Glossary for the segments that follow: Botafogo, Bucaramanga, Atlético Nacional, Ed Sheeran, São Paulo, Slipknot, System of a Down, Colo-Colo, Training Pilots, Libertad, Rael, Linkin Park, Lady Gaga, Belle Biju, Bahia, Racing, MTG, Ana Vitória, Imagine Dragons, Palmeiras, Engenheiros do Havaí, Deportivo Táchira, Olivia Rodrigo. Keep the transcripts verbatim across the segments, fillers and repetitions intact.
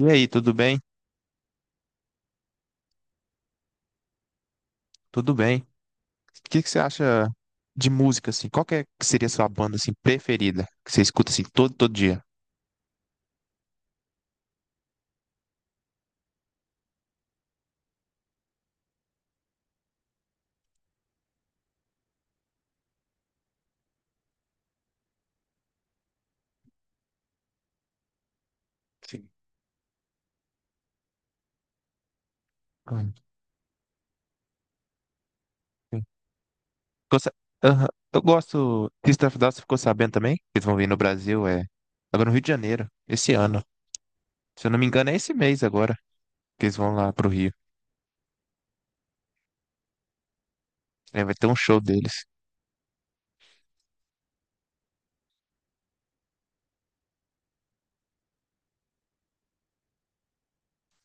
E aí, tudo bem? Tudo bem. O que que você acha de música, assim? Qual que, é, que seria a sua banda, assim, preferida? Que você escuta, assim, todo, todo dia? Sim. Hum, sim. Gosta- Aham. Eu gosto. System of a Down, você ficou sabendo também? Eles vão vir no Brasil, é... Agora no Rio de Janeiro, esse ano. Se eu não me engano, é esse mês agora que eles vão lá pro Rio. É, vai ter um show deles.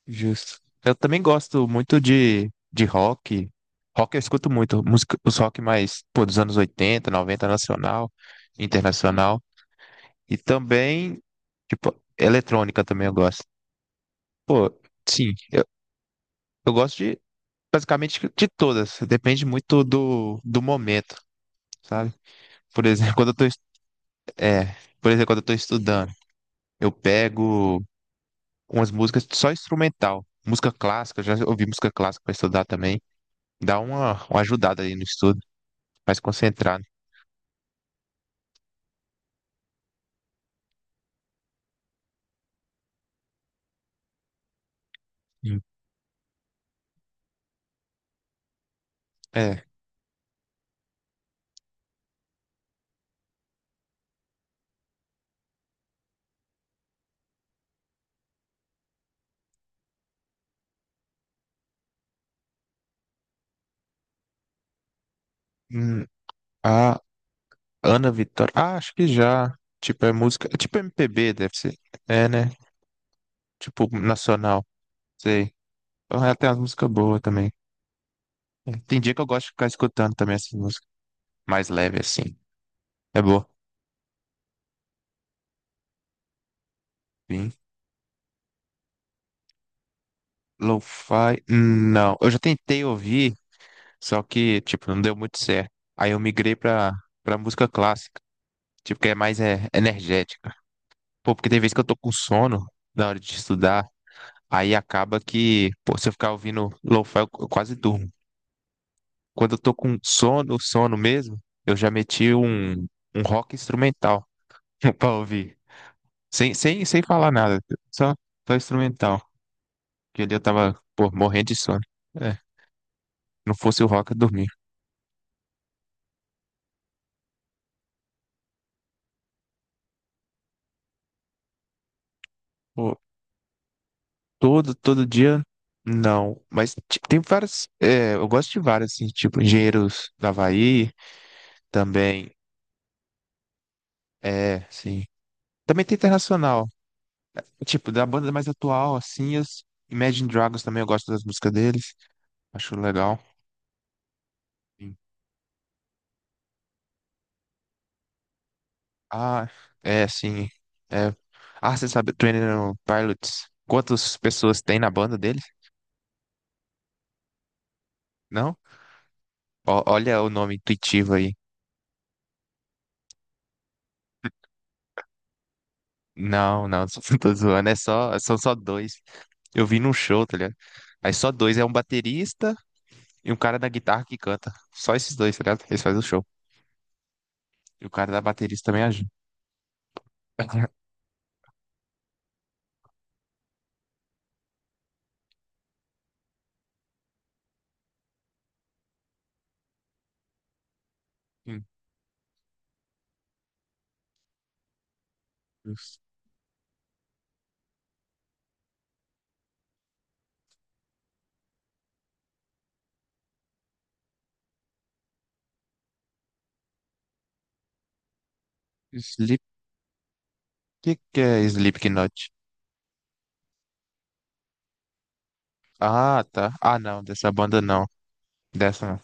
Justo. Eu também gosto muito de, de rock. Rock eu escuto muito. Música, os rock mais, pô, dos anos oitenta, noventa nacional, internacional. E também, tipo, eletrônica também eu gosto. Pô, sim, eu, eu gosto de basicamente de todas. Depende muito do, do momento, sabe? Por exemplo, quando eu tô, est- é, por exemplo, quando eu tô estudando, eu pego umas músicas só instrumental. Música clássica, já ouvi música clássica pra estudar também. Dá uma, uma ajudada aí no estudo, mais concentrado. Hum. É. Hum, a Ana Vitória. Ah, acho que já. Tipo, é música. É tipo M P B, deve ser. É, né? Tipo, nacional. Sei. O Rael tem umas músicas boas também. É. Tem dia que eu gosto de ficar escutando também essas músicas mais leve assim. É boa. Sim. Lo-fi, hum, não. Eu já tentei ouvir, só que, tipo, não deu muito certo. Aí eu migrei pra, pra música clássica, tipo, que é mais é, energética. Pô, porque tem vezes que eu tô com sono na hora de estudar, aí acaba que, pô, se eu ficar ouvindo lo-fi, eu, eu quase durmo. Quando eu tô com sono, sono mesmo, eu já meti um, um rock instrumental pra ouvir. Sem, sem, sem falar nada, só, só instrumental. Porque ali eu tava, pô, morrendo de sono. É, não fosse o rock, eu dormia. Pô, todo, todo dia, não. Mas ti- tem várias, é, eu gosto de várias, assim, tipo, Engenheiros do Havaí, também, é, sim. Também tem internacional, tipo, da banda mais atual, assim, as Imagine Dragons também, eu gosto das músicas deles, acho legal. Sim. Ah, é, sim, é. Ah, você sabe, Training Pilots, quantas pessoas tem na banda deles? Não? Ó, olha o nome intuitivo aí. Não, não, só tô zoando. É só, são só dois. Eu vi num show, tá ligado? Aí só dois. É um baterista e um cara da guitarra que canta. Só esses dois, tá ligado? Eles fazem o show. E o cara da baterista também ajuda. Sleep, que que é Slipknot? Ah, tá. Ah, não, dessa banda não. Dessa não.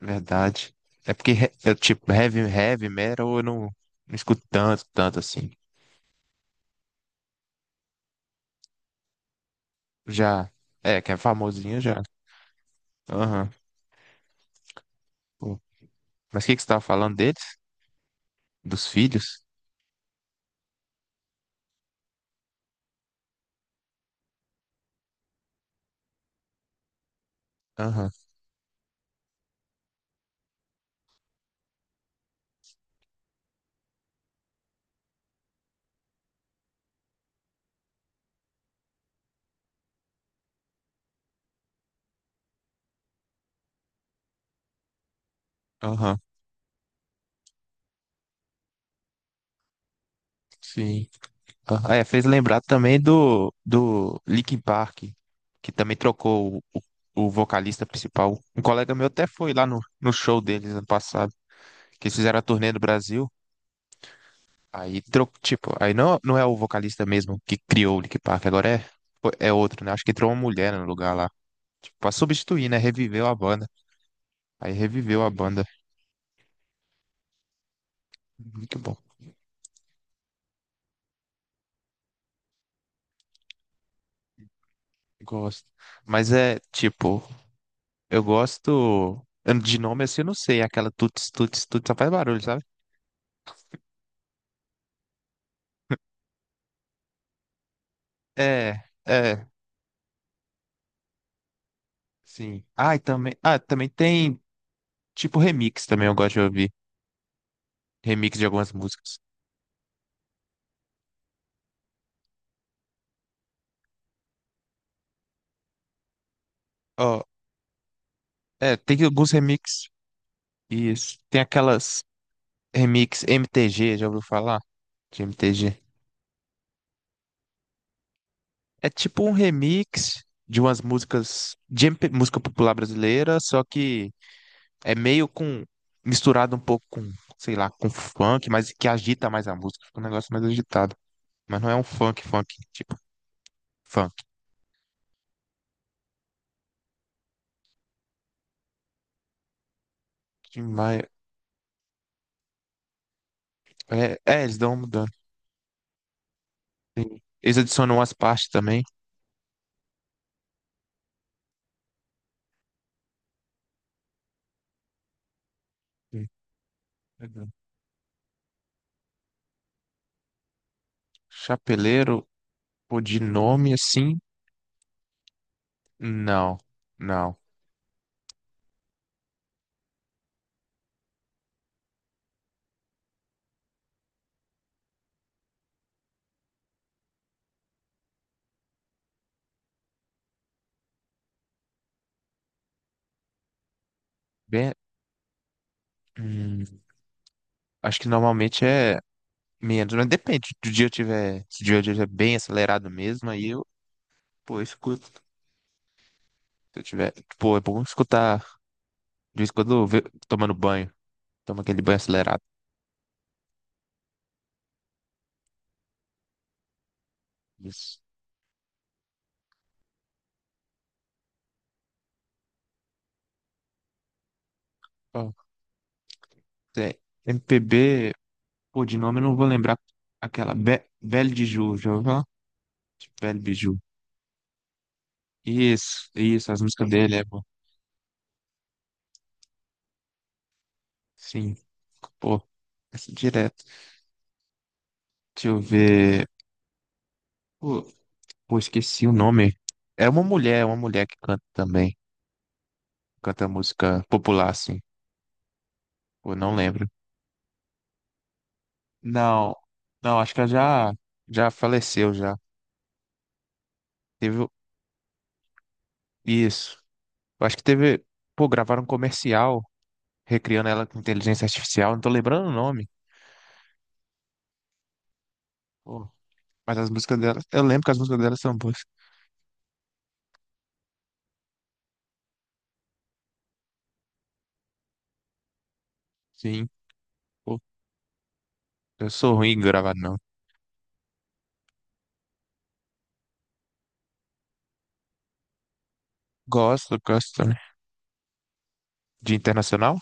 Verdade. É porque, he- eu, tipo, heavy, heavy metal eu não, não escuto tanto, tanto assim. Já. É, que é famosinho já. Aham. Mas o que, que você estava falando deles? Dos filhos? Aham, aham, sim. Aham. Ah, é, fez lembrar também do, do Linkin Park, que também trocou o, o vocalista principal. Um colega meu até foi lá no, no show deles ano passado, que eles fizeram a turnê no Brasil. Aí, tro, tipo, aí não, não é o vocalista mesmo que criou o Linkin Park, agora é, é outro, né? Acho que entrou uma mulher no lugar lá. Tipo, pra substituir, né? Reviveu a banda. Aí reviveu a banda. Muito bom. Gosto. Mas é, tipo, eu gosto. De nome assim, eu não sei. Aquela tuts, tuts, tuts, só faz barulho, sabe? É, é, sim. Ah, e também, ah, também tem tipo remix também, eu gosto de ouvir. Remix de algumas músicas. Ó, é, tem alguns remix. Isso. Tem aquelas remix M T G, já ouviu falar? De M T G. É tipo um remix de umas músicas de M P música popular brasileira, só que É meio com. Misturado um pouco com, sei lá, com funk, mas que agita mais a música. Fica um negócio mais agitado. Mas não é um funk, funk, tipo, funk. Mas, é, é, eles dão uma mudança. Sim. Eles adicionam umas partes também. Sim, legal. Chapeleiro, pô, de nome assim? Não, não. Bem, hum, acho que normalmente é menos, mas depende. Se o dia eu tiver, se o dia eu tiver bem acelerado mesmo, aí eu, pô, eu escuto. Se eu tiver, pô, é bom escutar. De vez em quando, ve- tomando banho. Toma aquele banho acelerado. Isso. Ó, tem M P B, pô, de nome eu não vou lembrar. Aquela Be Belle de Ju, já ouviu falar? Belle Biju. Isso, isso, as músicas dele é bom. Sim, pô, essa é direto. Deixa eu ver. Pô, pô, esqueci o nome. É uma mulher, é uma mulher que canta também. Canta música popular, assim. Pô, não lembro. Não, não, acho que ela já, já faleceu já. Teve o- isso. Eu acho que teve. Pô, gravaram um comercial recriando ela com inteligência artificial. Não tô lembrando o nome. Pô, mas as músicas dela. Eu lembro que as músicas dela são boas. Sim. Pô, eu sou ruim em gravar, não. Gosto, gosto também. De internacional?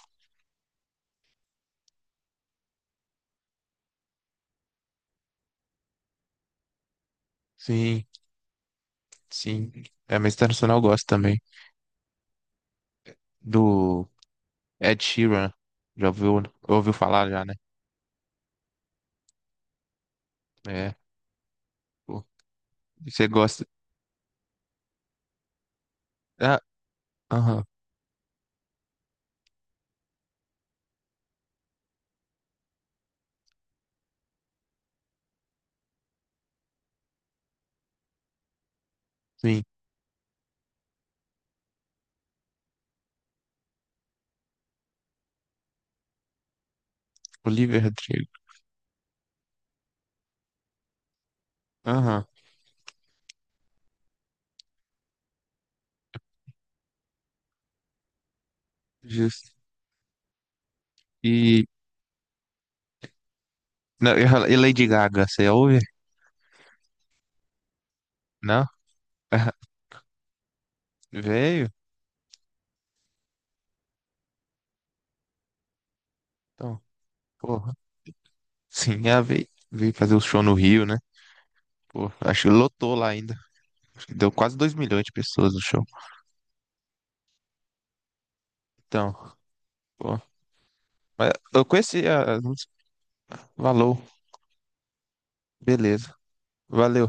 Sim, sim. É, mas internacional eu gosto também. Do Ed Sheeran. Já ouviu, ouviu falar já, né? É. Pô, você gosta. Ah, aham, sim. Olivia Rodrigo. Aham, justo. E. Não, e Lady Gaga, você ouve? Não? Veio. Então, porra. Sim, a veio, veio fazer o show no Rio, né? Pô, acho que lotou lá ainda. Acho que deu quase dois milhões de pessoas no show. Então, pô. Mas eu conheci a a música. Valor. Beleza. Valeu.